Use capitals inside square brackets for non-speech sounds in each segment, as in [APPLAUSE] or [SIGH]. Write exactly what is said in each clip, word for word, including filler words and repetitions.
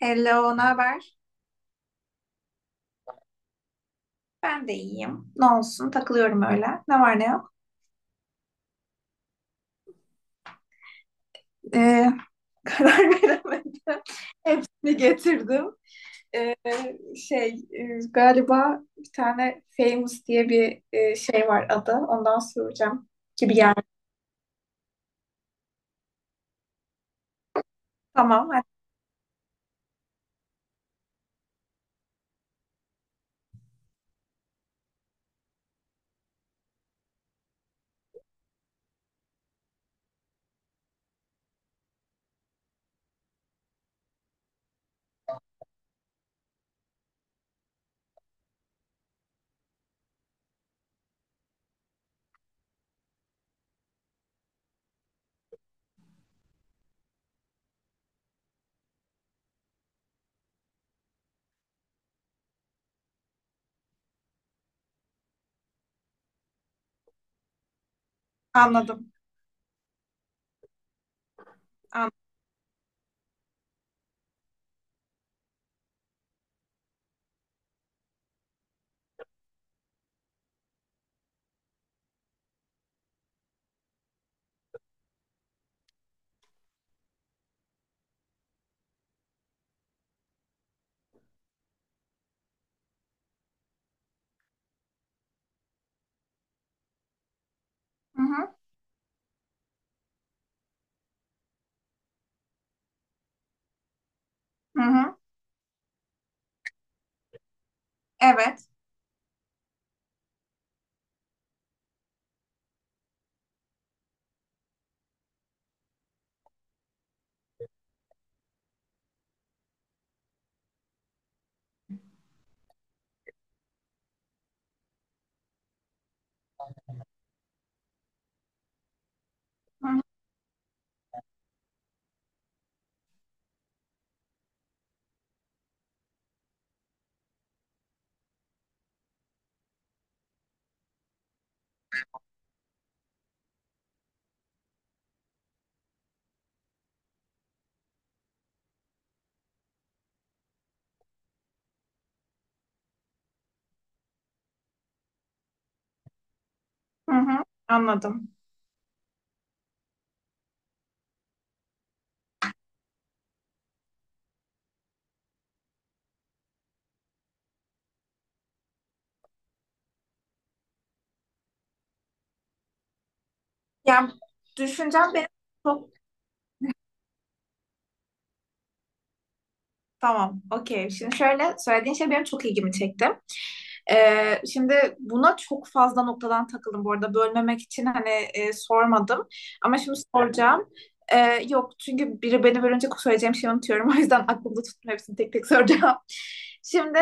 Hello, ne haber? Ben de iyiyim. Ne olsun, takılıyorum öyle. Ne var ne yok. Ee, [LAUGHS] karar veremedim. Hepsini getirdim. Ee, şey, e, galiba bir tane Famous diye bir e, şey var adı. Ondan soracağım gibi geldi. Tamam, hadi. Anladım. An hı hı, hı hı. Evet. Hı hı, hı hı. Anladım. Yani düşüncem benim çok... Tamam, okey. Şimdi şöyle, söylediğin şey benim çok ilgimi çekti. Ee, şimdi buna çok fazla noktadan takıldım bu arada. Bölmemek için hani e, sormadım. Ama şimdi soracağım. Ee, yok, çünkü biri beni bölünce söyleyeceğim şeyi unutuyorum. [LAUGHS] O yüzden aklımda tuttum, hepsini tek tek soracağım. [LAUGHS] Şimdi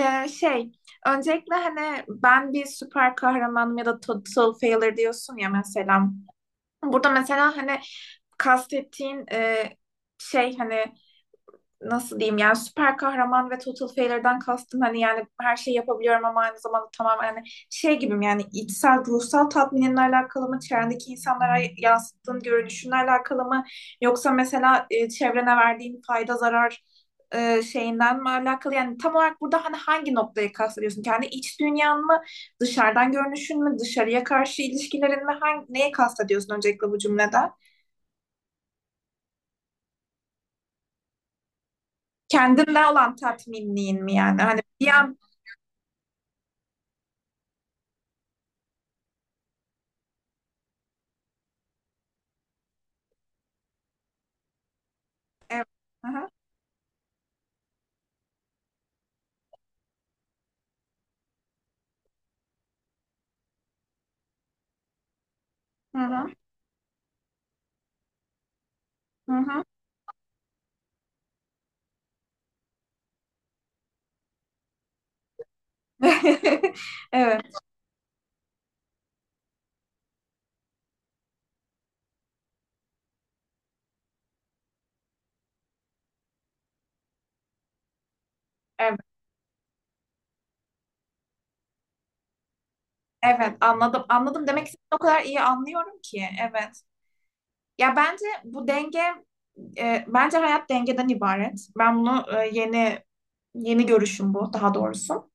e, şey, öncelikle hani ben bir süper kahramanım ya da total failure diyorsun ya mesela. Burada mesela hani kastettiğin e, şey, hani nasıl diyeyim, yani süper kahraman ve total failure'dan kastım hani, yani her şeyi yapabiliyorum ama aynı zamanda tamamen hani şey gibiyim, yani içsel ruhsal tatminimle alakalı mı, çevrendeki insanlara yansıttığın görünüşünle alakalı mı, yoksa mesela e, çevrene verdiğin fayda zarar e, şeyinden mi alakalı, yani tam olarak burada hani hangi noktayı kastediyorsun, kendi iç dünyan mı, dışarıdan görünüşün mü, dışarıya karşı ilişkilerin mi, hangi, neye kastediyorsun öncelikle bu cümlede, kendinden olan tatminliğin mi, yani hani bir an evet. Aha. Hı hı, hı hı. [LAUGHS] Evet, evet, evet, anladım. Anladım, demek ki o kadar iyi anlıyorum ki. Evet. Ya bence bu denge, e, bence hayat dengeden ibaret. Ben bunu e, yeni yeni görüşüm bu, daha doğrusu.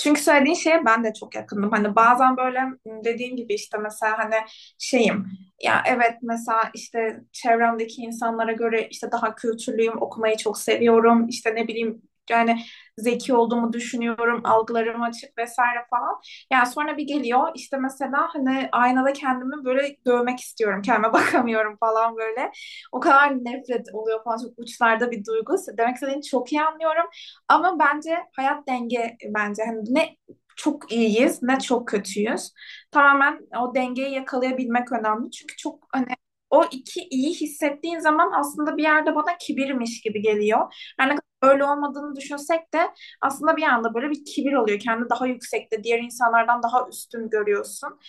Çünkü söylediğin şeye ben de çok yakındım. Hani bazen böyle dediğin gibi işte mesela hani şeyim, ya evet mesela işte çevremdeki insanlara göre işte daha kültürlüyüm, okumayı çok seviyorum. İşte ne bileyim, yani zeki olduğumu düşünüyorum, algılarım açık vesaire falan. Yani sonra bir geliyor işte mesela hani aynada kendimi böyle dövmek istiyorum. Kendime [LAUGHS] bakamıyorum falan böyle. O kadar nefret oluyor falan, çok uçlarda bir duygu. Demek istediğini çok iyi anlıyorum. Ama bence hayat denge, e, bence hani ne çok iyiyiz ne çok kötüyüz. Tamamen o dengeyi yakalayabilmek önemli. Çünkü çok hani o iki iyi hissettiğin zaman aslında bir yerde bana kibirmiş gibi geliyor. Her ne kadar öyle olmadığını düşünsek de aslında bir anda böyle bir kibir oluyor. Kendi daha yüksekte, diğer insanlardan daha üstün görüyorsun.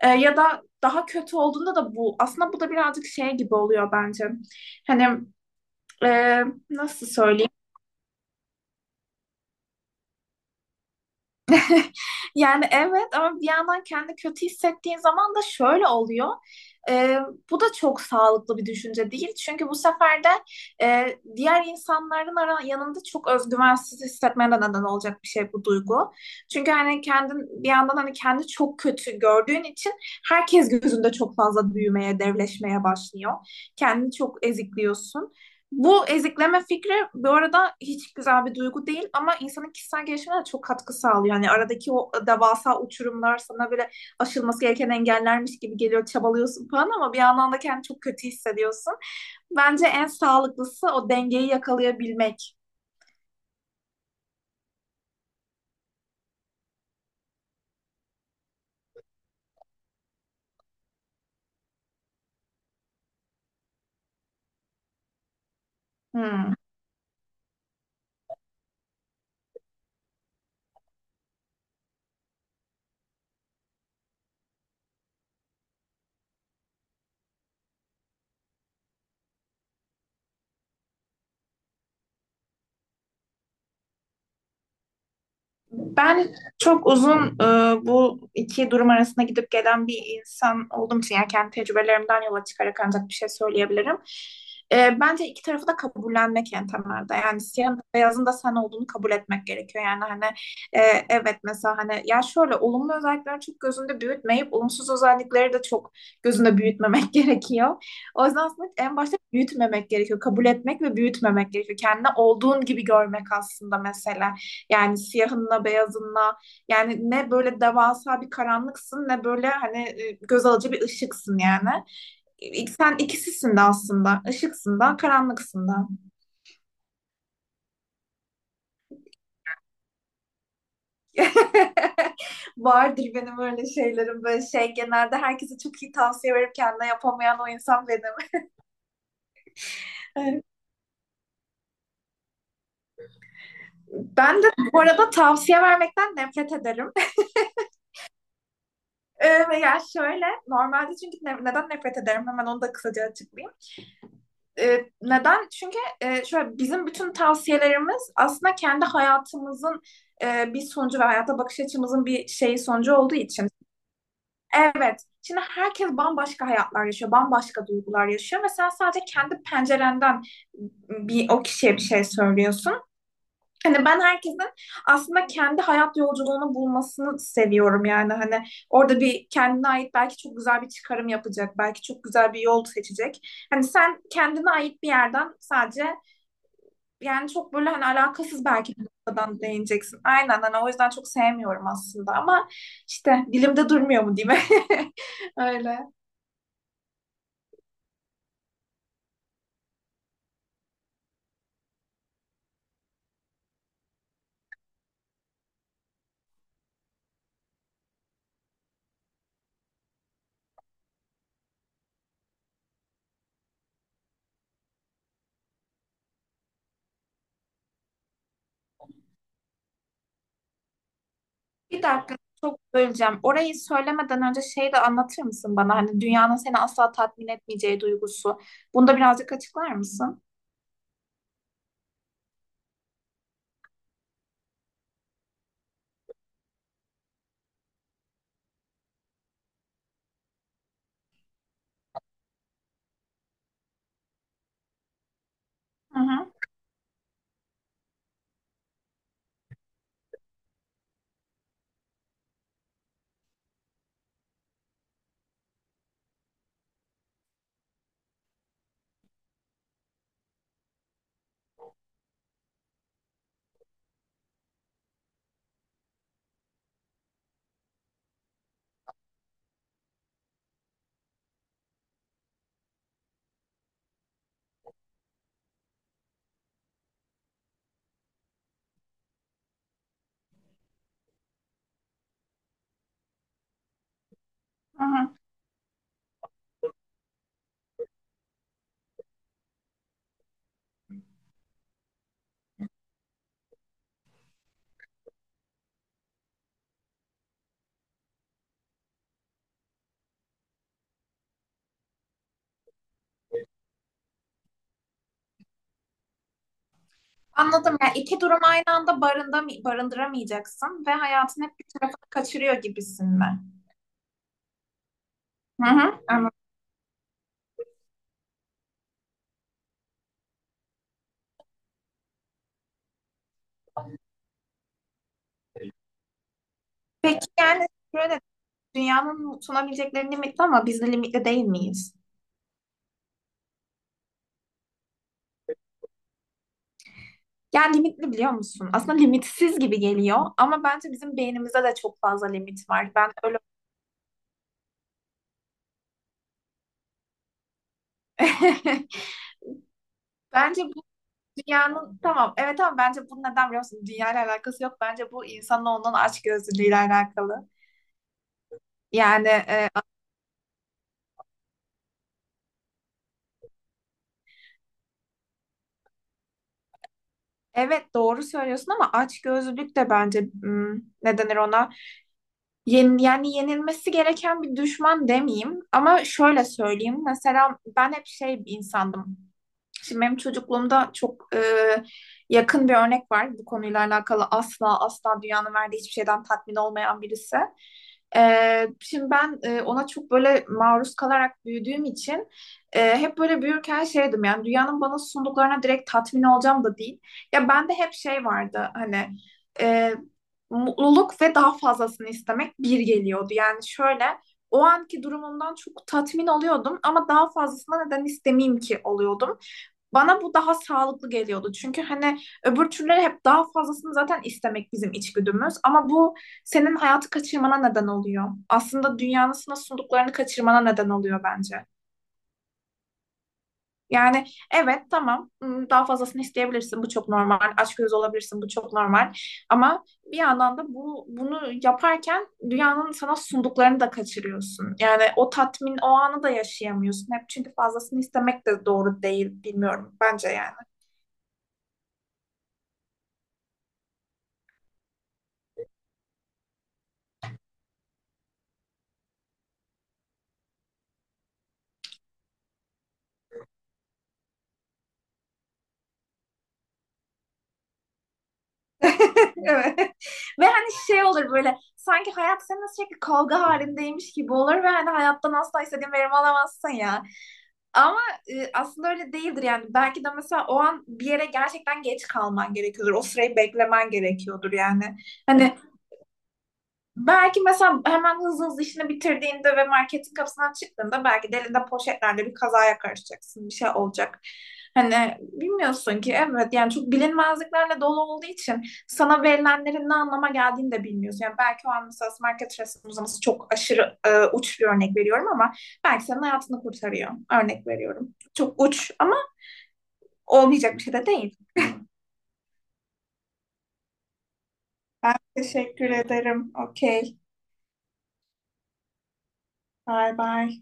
Ee, ya da daha kötü olduğunda da bu. Aslında bu da birazcık şey gibi oluyor bence. Hani e, nasıl söyleyeyim? Yani evet, ama bir yandan kendi kötü hissettiğin zaman da şöyle oluyor. Ee, Bu da çok sağlıklı bir düşünce değil. Çünkü bu sefer de e, diğer insanların ara, yanında çok özgüvensiz hissetmene de neden olacak bir şey bu duygu. Çünkü hani kendin bir yandan hani kendi çok kötü gördüğün için herkes gözünde çok fazla büyümeye, devleşmeye başlıyor. Kendini çok ezikliyorsun. Bu ezikleme fikri bu arada hiç güzel bir duygu değil, ama insanın kişisel gelişimine de çok katkı sağlıyor. Yani aradaki o devasa uçurumlar sana böyle aşılması gereken engellermiş gibi geliyor, çabalıyorsun falan, ama bir yandan da kendini çok kötü hissediyorsun. Bence en sağlıklısı o dengeyi yakalayabilmek. Hmm. Ben çok uzun e, bu iki durum arasında gidip gelen bir insan olduğum için, yani kendi tecrübelerimden yola çıkarak ancak bir şey söyleyebilirim. E, bence iki tarafı da kabullenmek en temelde. Yani siyahın da beyazın da sen olduğunu kabul etmek gerekiyor. Yani hani e, evet mesela hani, ya şöyle olumlu özellikleri çok gözünde büyütmeyip olumsuz özellikleri de çok gözünde büyütmemek [LAUGHS] gerekiyor. O yüzden aslında en başta büyütmemek gerekiyor. Kabul etmek ve büyütmemek gerekiyor. Kendini olduğun gibi görmek aslında mesela. Yani siyahınla beyazınla, yani ne böyle devasa bir karanlıksın, ne böyle hani e, göz alıcı bir ışıksın yani. İ- Sen ikisisin de aslında. Işıksın da, karanlıksın da. [LAUGHS] Vardır benim öyle şeylerim, böyle şey genelde herkese çok iyi tavsiye verip kendine yapamayan o insan benim. Evet. Ben de bu arada tavsiye vermekten nefret ederim. [LAUGHS] Ee, Ya şöyle, normalde çünkü ne- neden nefret ederim hemen onu da kısaca açıklayayım. E, neden? Çünkü e, şöyle, bizim bütün tavsiyelerimiz aslında kendi hayatımızın e, bir sonucu ve hayata bakış açımızın bir şeyi sonucu olduğu için. Evet. Şimdi herkes bambaşka hayatlar yaşıyor, bambaşka duygular yaşıyor ve sen sadece kendi pencerenden bir o kişiye bir şey söylüyorsun. Hani ben herkesin aslında kendi hayat yolculuğunu bulmasını seviyorum, yani hani orada bir kendine ait belki çok güzel bir çıkarım yapacak, belki çok güzel bir yol seçecek. Hani sen kendine ait bir yerden sadece, yani çok böyle hani alakasız belki bir noktadan değineceksin. Aynen, hani o yüzden çok sevmiyorum aslında, ama işte dilimde durmuyor mu diyeyim. [LAUGHS] Öyle. Bir dakika, çok böleceğim. Orayı söylemeden önce şey de anlatır mısın bana? Hani dünyanın seni asla tatmin etmeyeceği duygusu. Bunu da birazcık açıklar mısın? Hı hı, hı hı. Anladım. Yani iki durum aynı anda barında, barındıramayacaksın ve hayatın hep bir tarafını kaçırıyor gibisin mi? Hı hı, anladım. Peki yani şöyle, dünyanın sunabilecekleri limitli ama biz de limitli değil miyiz? Yani limitli, biliyor musun? Aslında limitsiz gibi geliyor ama bence bizim beynimizde de çok fazla limit var. Ben öyle [LAUGHS] bence bu dünyanın, tamam evet, ama bence bu neden biliyor musun? Dünyayla alakası yok. Bence bu insanın olan açgözlülüğüyle alakalı. Yani e, evet doğru söylüyorsun, ama açgözlülük de bence hmm, ne denir ona? Yen, yani yenilmesi gereken bir düşman demeyeyim, ama şöyle söyleyeyim. Mesela ben hep şey bir insandım. Şimdi benim çocukluğumda çok e, yakın bir örnek var. Bu konuyla alakalı asla asla dünyanın verdiği hiçbir şeyden tatmin olmayan birisi. E, şimdi ben e, ona çok böyle maruz kalarak büyüdüğüm için e, hep böyle büyürken şeydim, yani dünyanın bana sunduklarına direkt tatmin olacağım da değil. Ya bende hep şey vardı hani, e, mutluluk ve daha fazlasını istemek bir geliyordu. Yani şöyle, o anki durumumdan çok tatmin oluyordum ama daha fazlasına neden istemeyeyim ki oluyordum. Bana bu daha sağlıklı geliyordu. Çünkü hani öbür türleri hep daha fazlasını zaten istemek bizim içgüdümüz. Ama bu senin hayatı kaçırmana neden oluyor. Aslında dünyanın sana sunduklarını kaçırmana neden oluyor bence. Yani evet tamam, hmm, daha fazlasını isteyebilirsin, bu çok normal. Açgözlü olabilirsin, bu çok normal. Ama bir yandan da bu, bunu yaparken dünyanın sana sunduklarını da kaçırıyorsun. Yani o tatmin o anı da yaşayamıyorsun. Hep çünkü fazlasını istemek de doğru değil, bilmiyorum bence yani. [LAUGHS] Evet. Ve hani şey olur böyle, sanki hayat seninle sürekli kavga halindeymiş gibi olur ve hani hayattan asla istediğin verimi alamazsın ya. Ama e, aslında öyle değildir yani. Belki de mesela o an bir yere gerçekten geç kalman gerekiyordur. O sırayı beklemen gerekiyordur yani. Hani belki mesela hemen hızlı hızlı işini bitirdiğinde ve marketin kapısından çıktığında belki de elinde poşetlerle bir kazaya karışacaksın. Bir şey olacak. Hani bilmiyorsun ki, evet yani çok bilinmezliklerle dolu olduğu için sana verilenlerin ne anlama geldiğini de bilmiyorsun. Yani belki o an mesela market resim uzaması çok aşırı, e, uç bir örnek veriyorum ama belki senin hayatını kurtarıyor. Örnek veriyorum. Çok uç ama olmayacak bir şey de değil. Ben teşekkür ederim. Okey. Bye bye.